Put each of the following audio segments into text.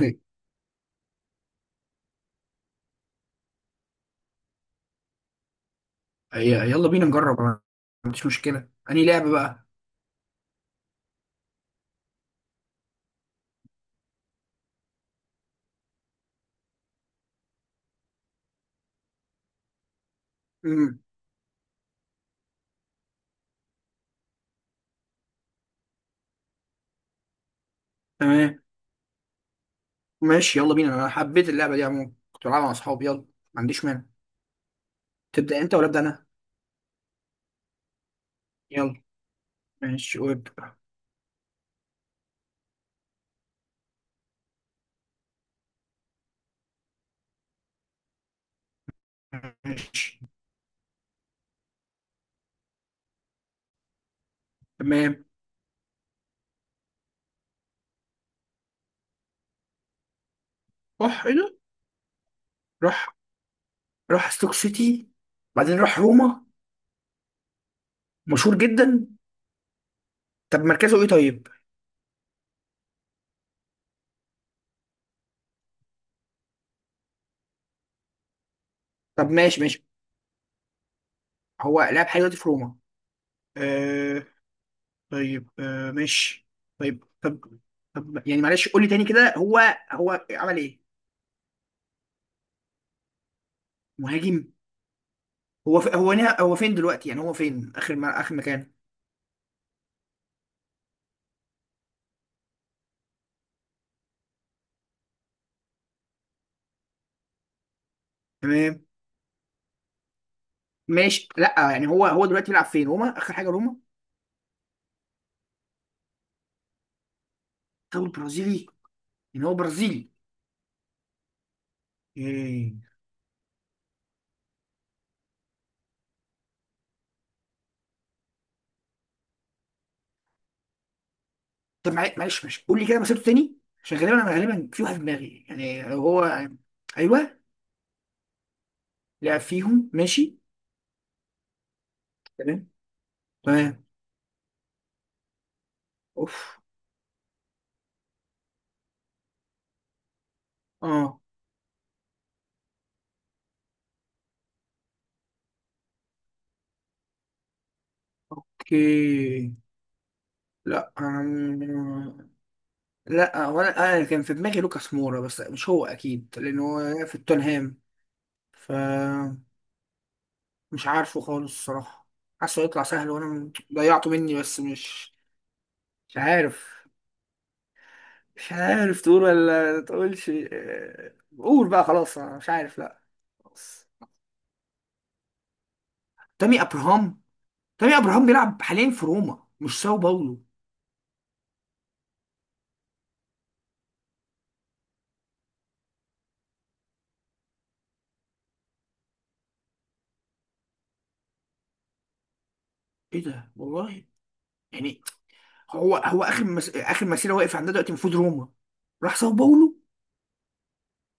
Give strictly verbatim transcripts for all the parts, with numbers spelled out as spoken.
ي- يلا بينا نجرب. أنا ما عنديش مشكلة. أنهي لعبة بقى؟ مم. تمام، ماشي يلا بينا. أنا حبيت اللعبة دي عموما، كنت بلعبها مع أصحابي. يلا، ما عنديش مانع. تبدأ أنت ولا أبدأ أنا؟ يلا ماشي وابدأ. ماشي، تمام. راح إيه ده؟ راح راح ستوك سيتي، بعدين راح روما. مشهور جدا. طب مركزه إيه طيب؟ طب ماشي ماشي، هو لعب حاجة دلوقتي في روما؟ آه، طيب، آه ماشي. طيب، طب طب، يعني معلش قول لي تاني كده. هو هو عمل إيه؟ مهاجم. هو في هو نها... هو فين دلوقتي يعني هو فين اخر ما... اخر مكان؟ تمام، ماشي. لا يعني هو هو دلوقتي بيلعب فين؟ روما؟ اخر حاجه روما؟ طب البرازيلي؟ يعني هو برازيلي؟ ايه؟ طب معل- معلش معلش قول لي كده مسيرته تاني، عشان غالبا انا غالبا في واحد في دماغي يعني لو هو. ايوه، لعب فيهم ماشي. تمام. تمام. اوف. اه. اوكي. لا أنا... لا ولا انا كان في دماغي لوكاس مورا، بس مش هو اكيد لان هو في توتنهام. ف مش عارفه خالص الصراحة. حاسه هيطلع سهل وانا م- ضيعته مني، بس مش، مش عارف. مش عارف تقول ولا تقولش؟ آه، قول بقى، خلاص انا مش عارف. لا خلاص. تامي ابراهام. تامي ابراهام بيلعب حاليا في روما، مش ساو باولو. ايه ده والله؟ يعني هو هو اخر مس... اخر مسيره واقف عندها دلوقتي المفروض روما؟ راح ساو باولو؟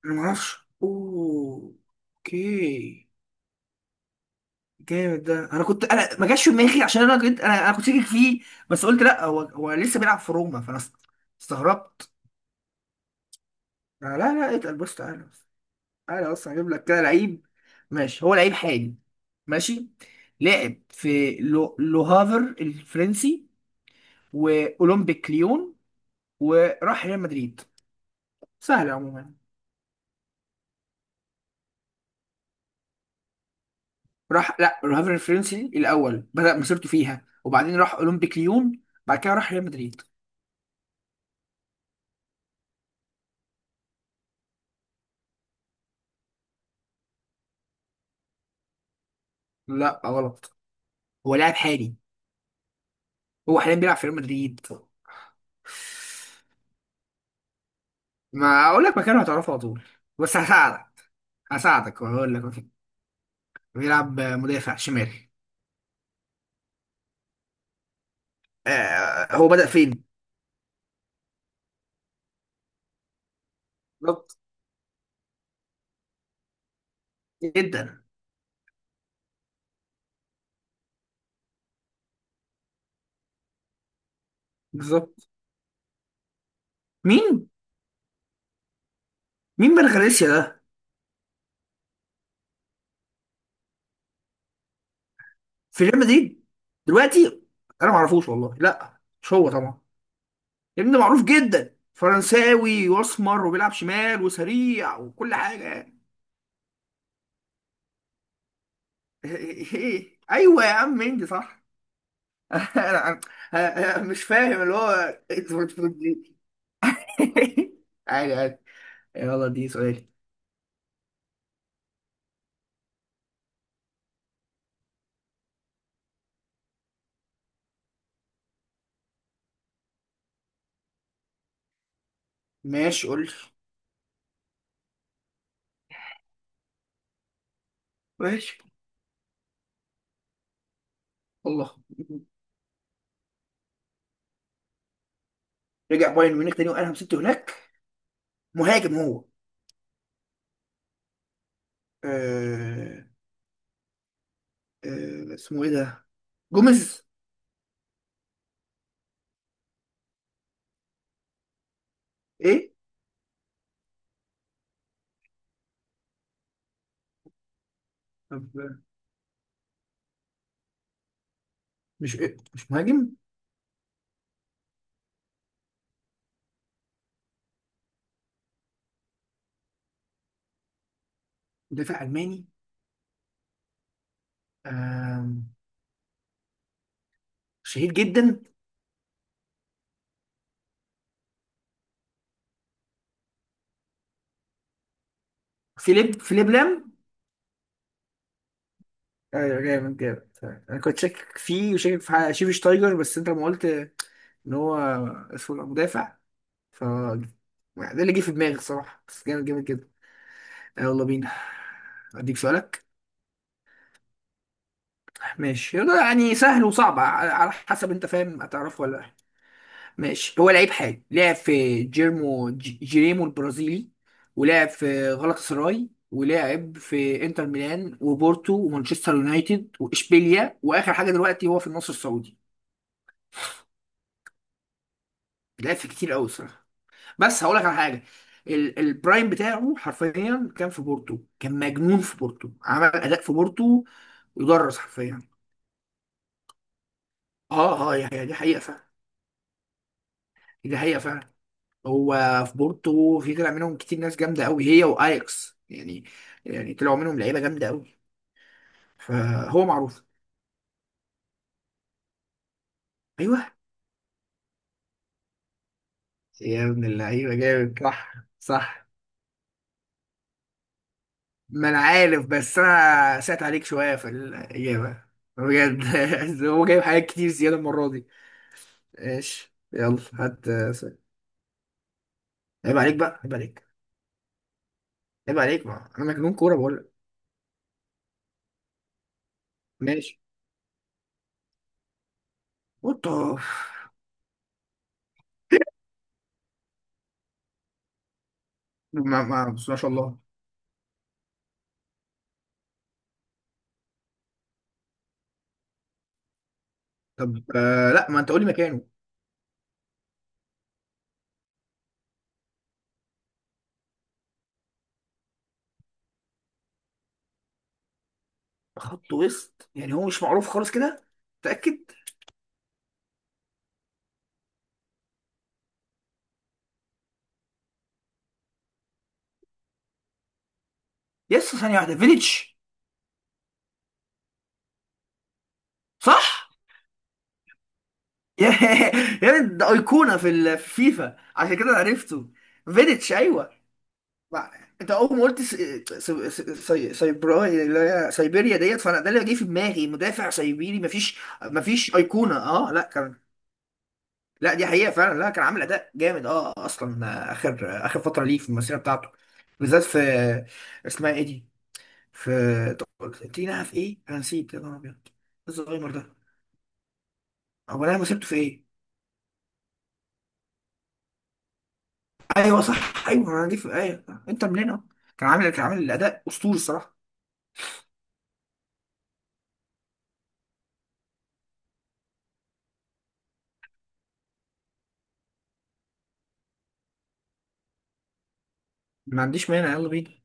انا ما اعرفش، اوه، اوكي. جامد ده، انا كنت، انا ما جاش في دماغي عشان انا كنت انا, أنا كنت شاكك فيه، بس قلت لا هو هو لسه بيلعب في روما، فانا است- استغربت. لا لا لا، اتقل، بص تعالى، تعالى اصلا هجيب لك كده لعيب. ماشي، هو لعيب حالي. ماشي. لعب في لو... لوهافر الفرنسي، واولمبيك ليون، وراح ريال مدريد. سهل عموما. راح لا لوهافر الفرنسي الاول بدأ مسيرته فيها، وبعدين راح اولمبيك ليون، بعد كده راح ريال مدريد. لا غلط، هو لاعب حالي. هو حاليا بيلعب في ريال مدريد. ما اقول لك مكانه هتعرفه على طول، بس هساعدك هساعدك وهقول لك مكانه. بيلعب مدافع شمالي. آه، هو بدأ فين؟ بالظبط. جدا، بالظبط. مين؟ مين من غاليسيا ده؟ في ريال مدريد دلوقتي. انا ما اعرفوش والله، لا مش هو طبعا. ابن معروف جدا، فرنساوي واسمر وبيلعب شمال وسريع وكل حاجه. ايوه يا عم انجي صح. انا، أنا- أنا مش فاهم اللي هو انت بتقول دي. عادي عادي. يلا دي سؤالي. ماشي قول لي. ماشي، الله. رجع بايرن ميونخ تاني وقال مسكته هناك. مهاجم هو؟ آه... آه... اسمه ايه ده؟ جوميز؟ ايه؟ طب مش إيه؟ مش مهاجم؟ مدافع الماني، آه... شهير جدا. فيليب فيليب لام؟ ايوه جامد جامد. انا كنت شاكك فيه وشاكك في حاجة- شيفي شتايجر، بس انت لما قلت ان هو اسمه مدافع، ف ده اللي جه في دماغي صراحة. بس جامد جامد جدا. آه، يلا بينا، اديك سؤالك. ماشي يلا، يعني سهل وصعب ع- على حسب انت فاهم هتعرفه ولا لا. ماشي، هو لعيب حالي، لعب في جيرمو ج- جيريمو البرازيلي، ولعب في غلطة سراي، ولعب في انتر ميلان وبورتو ومانشستر يونايتد واشبيليا، واخر حاجة دلوقتي هو في النصر السعودي. لعب في كتير قوي. بس هقول لك على حاجه، ال- البرايم بتاعه حرفيا كان في بورتو، كان مجنون في بورتو، عمل اداء في بورتو يدرس حرفيا. اه اه، هي هي دي حقيقه فعلا، دي حقيقه فعلا. هو في بورتو في، طلع منهم كتير ناس جامده قوي، هي واياكس يعني، يعني طلعوا منهم لعيبه جامده قوي. فهو معروف. ايوه. يا ابن اللعيبه، جامد صح. صح، ما انا عارف، بس انا سأت عليك شويه في الاجابه، بجد. هو جايب حاجات كتير زياده المره دي. ماشي يلا هات، آه، س- عيب عليك بقى، عيب عليك، عيب عليك، ما انا مجنون كوره بقول لك. ماشي. وات. ما ما بس ما شاء الله. طب آه، لا ما انت قول لي مكانه. خط وسط؟ يعني هو مش معروف خالص كده؟ متاكد؟ يس، ثانيه واحده، فيليتش؟ صح. يا- يعني ده ايقونه في ال- في فيفا، عشان كده أنا عرفته. فيليتش ايوه. ما انت اول ما قلت سي... سي... سي... سيبرا اللي هي سيبيريا ديت فانا، ده اللي جه في دماغي، مدافع سيبيري. مفيش مفيش ايقونه، اه لا كان. لا دي حقيقه فعلا، لا كان عامل اداء جامد، اه اصلا اخر اخر فتره ليه في المسيره بتاعته، بالذات في، اسمها ايه دي، في، تينا في ايه، انا نسيت، يا نهار ابيض، إيه الزهايمر ده، هو انا مسيرته في ايه؟ ايوه صح، ايوه انا دي في، ايوه انت منين اهو. كان عامل، كان عامل اداء اسطوري الصراحه. ما عنديش مانع، يلا بينا.